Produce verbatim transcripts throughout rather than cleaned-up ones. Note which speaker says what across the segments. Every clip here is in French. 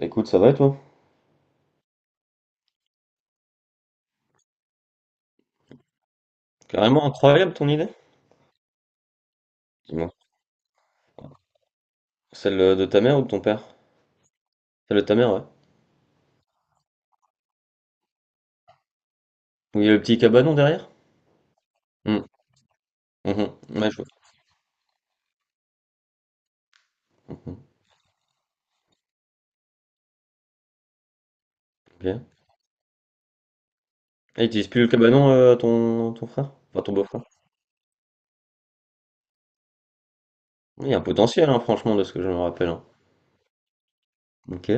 Speaker 1: Écoute, ça va et toi? Carrément incroyable ton idée. Dis-moi. Celle euh, de ta mère ou de ton père? Celle de ta mère, ouais. Où il y a le petit cabanon derrière? Hum, mhm. Ouais, je vois. Mhm. Bien. Et il utilise plus le cabanon, euh, ton, ton frère? Enfin, ton beau-frère. Il y a un potentiel, hein, franchement, de ce que je me rappelle. hein. Ok.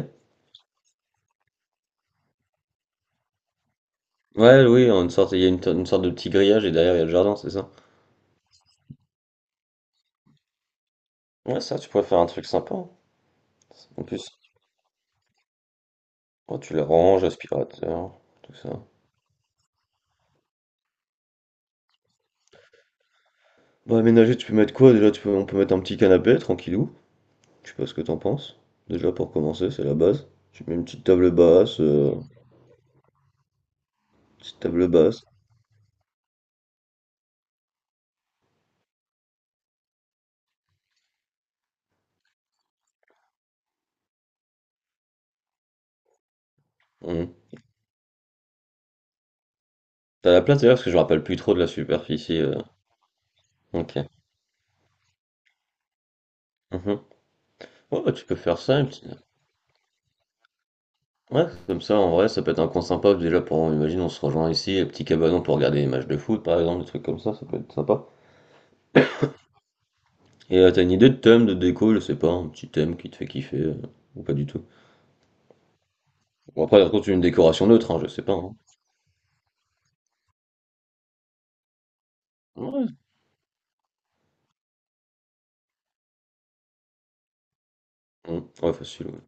Speaker 1: Ouais, oui, en une sorte, il y a une, une sorte de petit grillage et derrière il y a le jardin, c'est ça? Ouais, ça, tu pourrais faire un truc sympa. hein. En plus, oh, tu le ranges, aspirateur, tout ça. Bah, aménager, tu peux mettre quoi déjà? Tu peux, on peut mettre un petit canapé, tranquillou. Je sais pas ce que t'en penses. Déjà pour commencer, c'est la base. Tu mets une petite table basse, euh, petite table basse. Mhm. T'as la place d'ailleurs parce que je me rappelle plus trop de la superficie. euh, Ok. Mhm. Ouais, bah, tu peux faire ça. une petite- Ouais, comme ça en vrai, ça peut être un coin sympa déjà pour, imagine, on se rejoint ici, un petit cabanon pour regarder les matchs de foot par exemple, des trucs comme ça, ça peut être sympa. Et euh, t'as une idée de thème, de déco, je sais pas, un petit thème qui te fait kiffer euh, ou pas du tout. Bon après, par contre, une décoration neutre, hein, je sais pas. hein. Ouais. Mhm. Ouais, facile. ouais.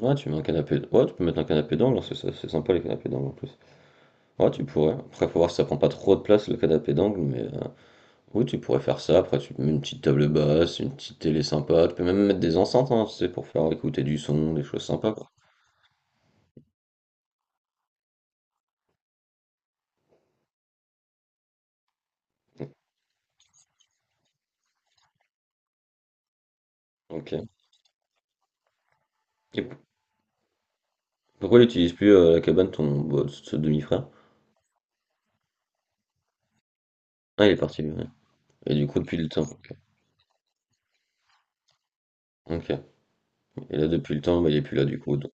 Speaker 1: Ouais, tu mets un canapé. Ouais, tu peux mettre un canapé d'angle, hein, c'est ça- c'est sympa les canapés d'angle en plus. Ouais, tu pourrais. Après, faut voir si ça prend pas trop de place le canapé d'angle, mais euh, oui, tu pourrais faire ça. Après, tu mets une petite table basse, une petite télé sympa. Tu peux même mettre des enceintes, hein, tu sais, pour faire écouter du son, des choses sympas, quoi. Ok. Et p- pourquoi il n'utilise plus euh, la cabane ton bah, ce demi-frère? Ah, il est parti, lui, ouais. Et du coup, depuis le temps. Ok. Ok. Et là, depuis le temps, bah, il est plus là, du coup. donc,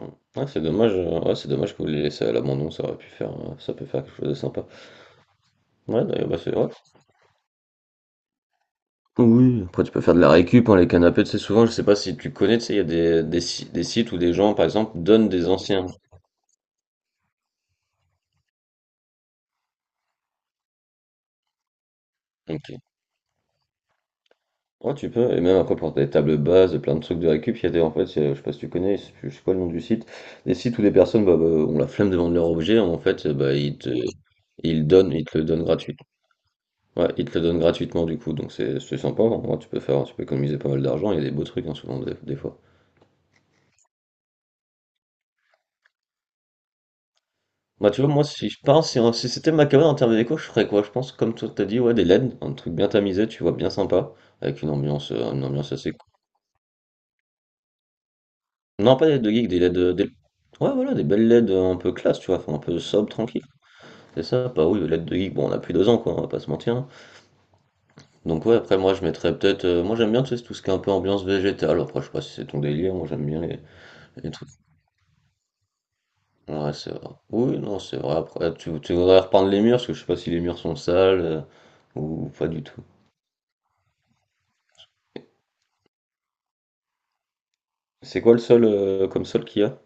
Speaker 1: Ouais, Ouais, c'est dommage. euh, ouais, c'est dommage que vous l'ayez laissé à l'abandon. Ça aurait pu faire, euh, ça peut faire quelque chose de sympa. Ouais, d'ailleurs, bah, c'est ouais, Oui, après tu peux faire de la récup, hein, les canapés, tu sais, souvent, je sais pas si tu connais, tu sais, il y a des, des, si- des sites où des gens, par exemple, donnent des anciens. Ok. Ouais, tu peux, et même après pour des tables basses, plein de trucs de récup, il y a des, en fait, il y a- je sais pas si tu connais, je sais pas le nom du site, des sites où des personnes bah, bah, ont la flemme de vendre leur objet, en fait, bah, ils te, ils donnent, ils te le donnent gratuitement. Ouais, ils te le donnent gratuitement, du coup, donc c'est c'est sympa, hein. Ouais, tu peux faire, tu peux économiser pas mal d'argent, il y a des beaux trucs, hein, souvent, des, des fois. Bah, tu vois, moi, si je pars, si, si c'était ma cabane en termes déco, je ferais quoi? Je pense, comme toi, t'as dit, ouais, des L E D, un truc bien tamisé, tu vois, bien sympa, avec une ambiance, euh, une ambiance assez cool. Non, pas des L E D de geek, des L E D. euh, Des... Ouais, voilà, des belles L E D un peu classe, tu vois, enfin, un peu sobre, tranquille. C'est ça, pas oui, les L E D de geek, bon, on a plus deux ans, quoi, on va pas se mentir. hein. Donc, ouais, après, moi, je mettrais peut-être. euh, moi, j'aime bien, tu sais, tout ce qui est un peu ambiance végétale. Après, je sais pas si c'est ton délire, moi, j'aime bien les, les trucs. Ouais, c'est vrai. Oui, non, c'est vrai. Après, tu, tu voudrais repeindre les murs, parce que je sais pas si les murs sont sales, euh, ou pas du tout. C'est quoi le sol euh, comme sol qu'il y a?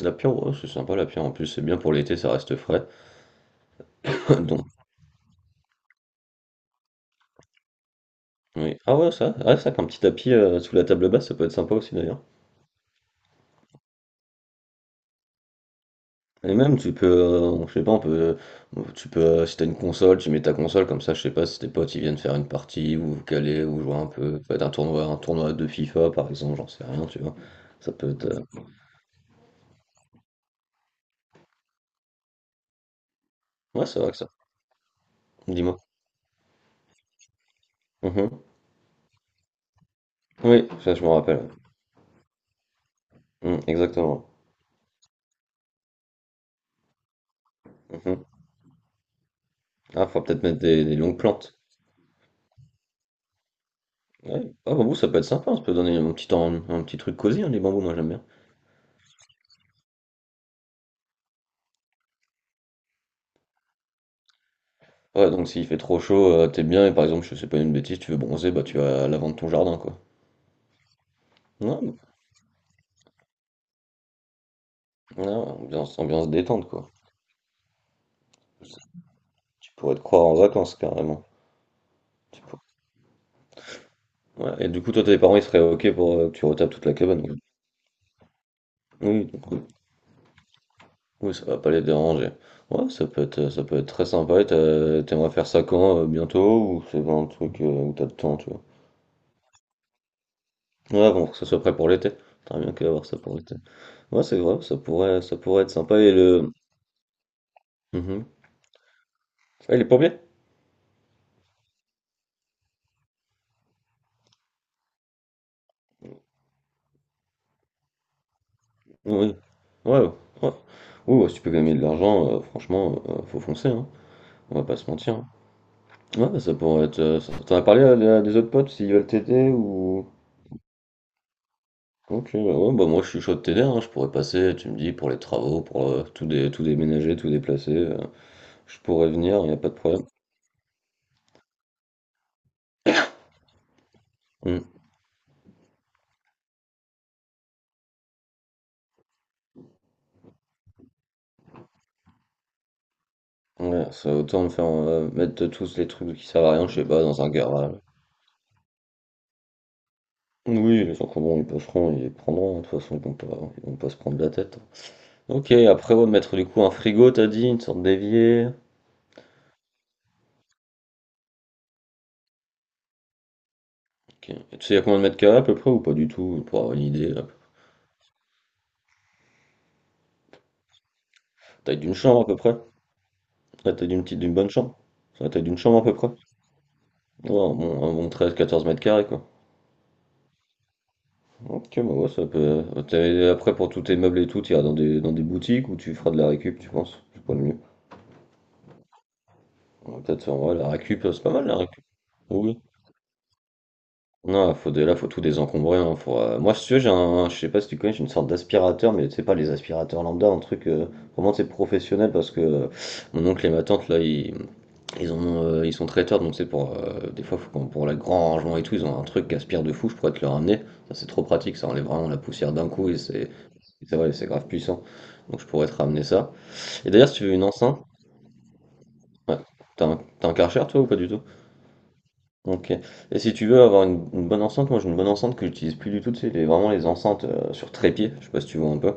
Speaker 1: La pierre, ouais, c'est sympa la pierre. En plus, c'est bien pour l'été, ça reste frais. Donc, oui. Ah ouais, ça, ah, ça, qu'un petit tapis euh, sous la table basse, ça peut être sympa aussi d'ailleurs. Et même, tu peux, euh, je sais pas, on peut, tu peux, euh, si t'as une console, tu mets ta console comme ça. Je sais pas si tes potes ils viennent faire une partie ou vous caler ou jouer un peu, peut-être un tournoi, un tournoi de FIFA par exemple, j'en sais rien, tu vois. Ça peut être, euh, ouais, c'est vrai que ça. Dis-moi. Mhm. Oui, ça je me rappelle. Mm, exactement. Mhm. Ah, faut peut-être mettre des, des longues plantes. Ouais. Ah, bambou, ça peut être sympa, ça peut donner un petit, temps, un petit truc cosy, hein, les bambous, moi j'aime bien. Ouais, donc s'il fait trop chaud, euh, t'es bien, et par exemple, je sais pas une bêtise, tu veux bronzer, bah tu vas à l'avant de ton jardin, quoi. Non, non, ambiance, ambiance détente, quoi. Tu pourrais te croire en vacances, carrément. Tu pour- Ouais, et du coup, toi, tes parents, ils seraient OK pour euh, que tu retapes toute la cabane, quoi. Oui, donc, oui, Oui, ça va pas les déranger. Ouais, ça peut être, ça peut être très sympa, et t'as- t'aimerais faire ça quand, euh, bientôt, ou c'est pas un truc euh, où t'as le temps, tu vois. Ouais, bon, faut que ça soit prêt pour l'été. T'aimerais bien qu'avoir ça pour l'été. Ouais, c'est vrai, ça pourrait, ça pourrait être sympa. Et le. Mhm. Ah, il est plombier? Oui. Ouais, ouais. Ouais, ouais, si tu peux gagner de l'argent, euh, franchement, euh, faut foncer, hein. On va pas se mentir. hein. Ouais, bah, ça pourrait être. euh, ça- T'en as parlé à, à des autres potes s'ils veulent t'aider ou. Ok, bah ouais, bah moi je suis chaud de t'aider, hein. Je pourrais passer, tu me dis, pour les travaux, pour euh, tout, dé- tout déménager, tout déplacer. Euh, je pourrais venir, il n'y a pas de problème. Mm. Ouais, ça autant me faire euh, mettre tous les trucs qui servent à rien, je sais pas, dans un garage. Oui, les gens qui ont bon, ils bosseront, ils prendront, hein, de toute façon, ils vont pas, ils vont pas se prendre la tête. hein. Ok, après, ouais, mettre du coup un frigo, t'as dit, une sorte d'évier. Ok. Et tu sais, il y a combien de mètres carrés à peu près ou pas du tout, pour avoir une idée, la taille d'une chambre à peu près? La taille d'une petite, d'une bonne chambre? C'est la taille d'une chambre à peu près? Ouais, un bon, un bon treize, quatorze mètres carrés, quoi. Ok, bah ouais, ça peut. t'as- Après, pour tous tes meubles et tout, tu iras dans des, dans des boutiques ou tu feras de la récup, tu penses? C'est pas le mieux. Ouais, peut-être, en vrai, la récup, euh, c'est pas mal la récup. Oui. Non, faut de, là, faut tout désencombrer. Hein, faut, euh, moi, si tu veux, j'ai un, je sais pas si tu connais, j'ai une sorte d'aspirateur, mais c'est pas les aspirateurs lambda, un truc euh, vraiment c'est professionnel parce que euh, mon oncle et ma tante là, ils, ils ont, euh, ils sont traiteurs, donc c'est pour euh, des fois faut qu'on- pour le grand rangement et tout, ils ont un truc qui aspire de fou, je pourrais te le ramener. Ça c'est trop pratique, ça enlève vraiment la poussière d'un coup et c'est, c'est vrai, c'est grave puissant. Donc je pourrais te ramener ça. Et d'ailleurs, si tu veux une enceinte, ouais, t'as un, t'as un Karcher toi ou pas du tout? OK. Et si tu veux avoir une, une bonne enceinte, moi j'ai une bonne enceinte que j'utilise plus du tout, c'est les- vraiment les enceintes euh, sur trépied, je sais pas si tu vois un peu.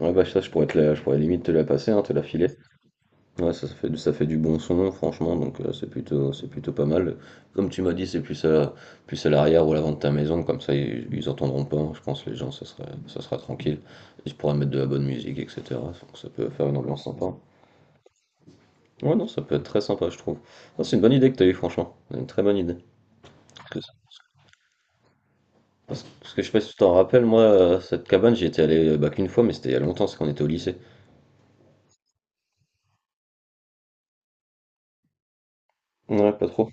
Speaker 1: Ouais bah ça je pourrais te la, je pourrais limite te la passer, hein, te la filer. Ouais ça, ça fait, du- ça fait du bon son franchement, donc euh, c'est plutôt c'est plutôt pas mal. Comme tu m'as dit, c'est plus à plus à l'arrière ou à l'avant de ta maison, comme ça ils, ils entendront pas, hein, je pense les gens ça sera ça sera tranquille. Ils pourraient mettre de la bonne musique, et cetera. Donc ça peut faire une ambiance sympa. Ouais non ça peut être très sympa je trouve. Non, c'est une bonne idée que t'as eu franchement, une très bonne idée. Parce que parce que je sais pas si tu t'en rappelles, moi, euh, cette cabane, j'y étais allé euh, bah, qu'une fois, mais c'était il y a longtemps, c'est quand on était au lycée. Ouais, pas trop.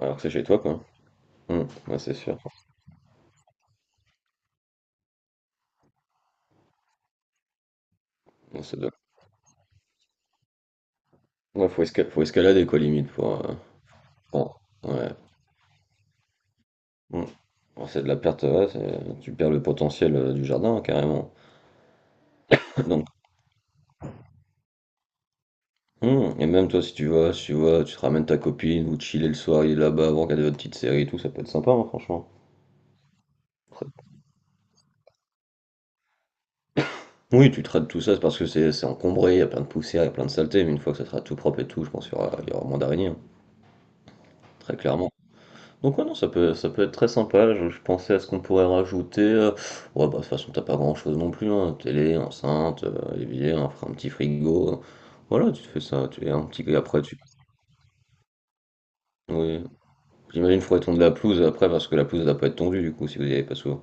Speaker 1: Alors que c'est chez toi, quoi. Hum, ouais, c'est sûr. Bon, c'est de- ouais, faut, esca- faut escalader, quoi, limite, pour... euh, pour- Ouais. Hum. Bon, c'est de la perte, ouais, c'est- tu perds le potentiel euh, du jardin, hein, carrément. Donc, hum, et même toi, si tu vas, si tu vas, tu te ramènes ta copine, ou chiller le soir, il est là-bas, vous regardez votre petite série et tout, ça peut être sympa, hein, franchement. Oui, tu traites tout ça, c'est parce que c'est c'est encombré, il y a plein de poussière, il y a plein de saleté, mais une fois que ça sera tout propre et tout, je pense qu'il y aura, il y aura moins d'araignées, hein, très clairement. Donc ouais, non, ça peut, ça peut être très sympa, je, je pensais à ce qu'on pourrait rajouter. euh, Ouais, bah de toute façon, t'as pas grand-chose non plus, hein, télé, enceinte, euh, évier, un, fr- un petit frigo. Euh, voilà, tu te fais ça, tu es un petit... Après, tu... Oui, j'imagine qu'il faudrait tondre la pelouse après, parce que la pelouse, elle doit pas être tondue, du coup, si vous y avez pas souvent.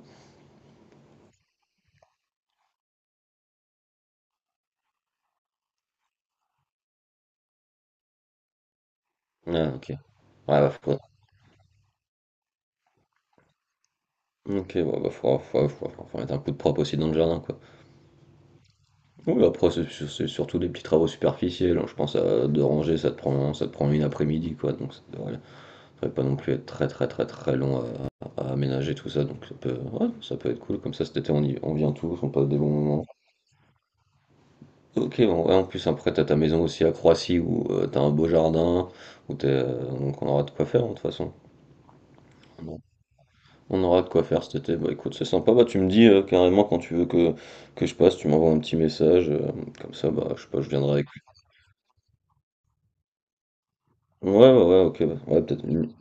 Speaker 1: Ah, ok. Ouais, bah, faudra- Ok, ouais, bah, faut, faut, faut, faut mettre un coup de propre aussi dans le jardin, quoi. Oui, après, c'est c'est- c'est surtout des petits travaux superficiels. hein. Je pense à de ranger, ça te prend, ça te prend une après-midi, quoi. Donc, ça devrait, ça devrait pas non plus être très, très, très, très long à, à aménager tout ça. Donc, ça peut, ouais, ça peut être cool. Comme ça, cet été, on y- on vient tous, on passe des bons moments. Ok, bon, ouais, en plus, après, t'as ta maison aussi à Croatie où euh, t'as un beau jardin, où t'es, euh, donc on aura de quoi faire, hein, de toute façon. Bon. On aura de quoi faire cet été. Bah, écoute, c'est sympa. Bah, tu me dis euh, carrément quand tu veux que, que je passe, tu m'envoies un petit message. Euh, comme ça, bah, je sais pas, je viendrai. Ouais, ouais, ouais, ok, bah, ouais, peut-être une...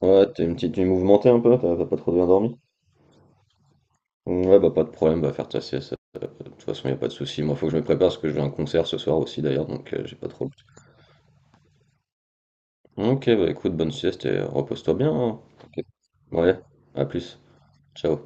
Speaker 1: Ouais, t'es une petite nuit mouvementée un peu, t'as t'as pas trop bien dormi? Ouais, bah pas de problème, va faire ta sieste, euh, de toute façon y a pas de souci. Moi faut que je me prépare parce que je vais à un concert ce soir aussi d'ailleurs, donc euh, j'ai pas trop le temps. Ok, bah écoute, bonne sieste et repose-toi bien. hein. Ok. Ouais, à plus, ciao.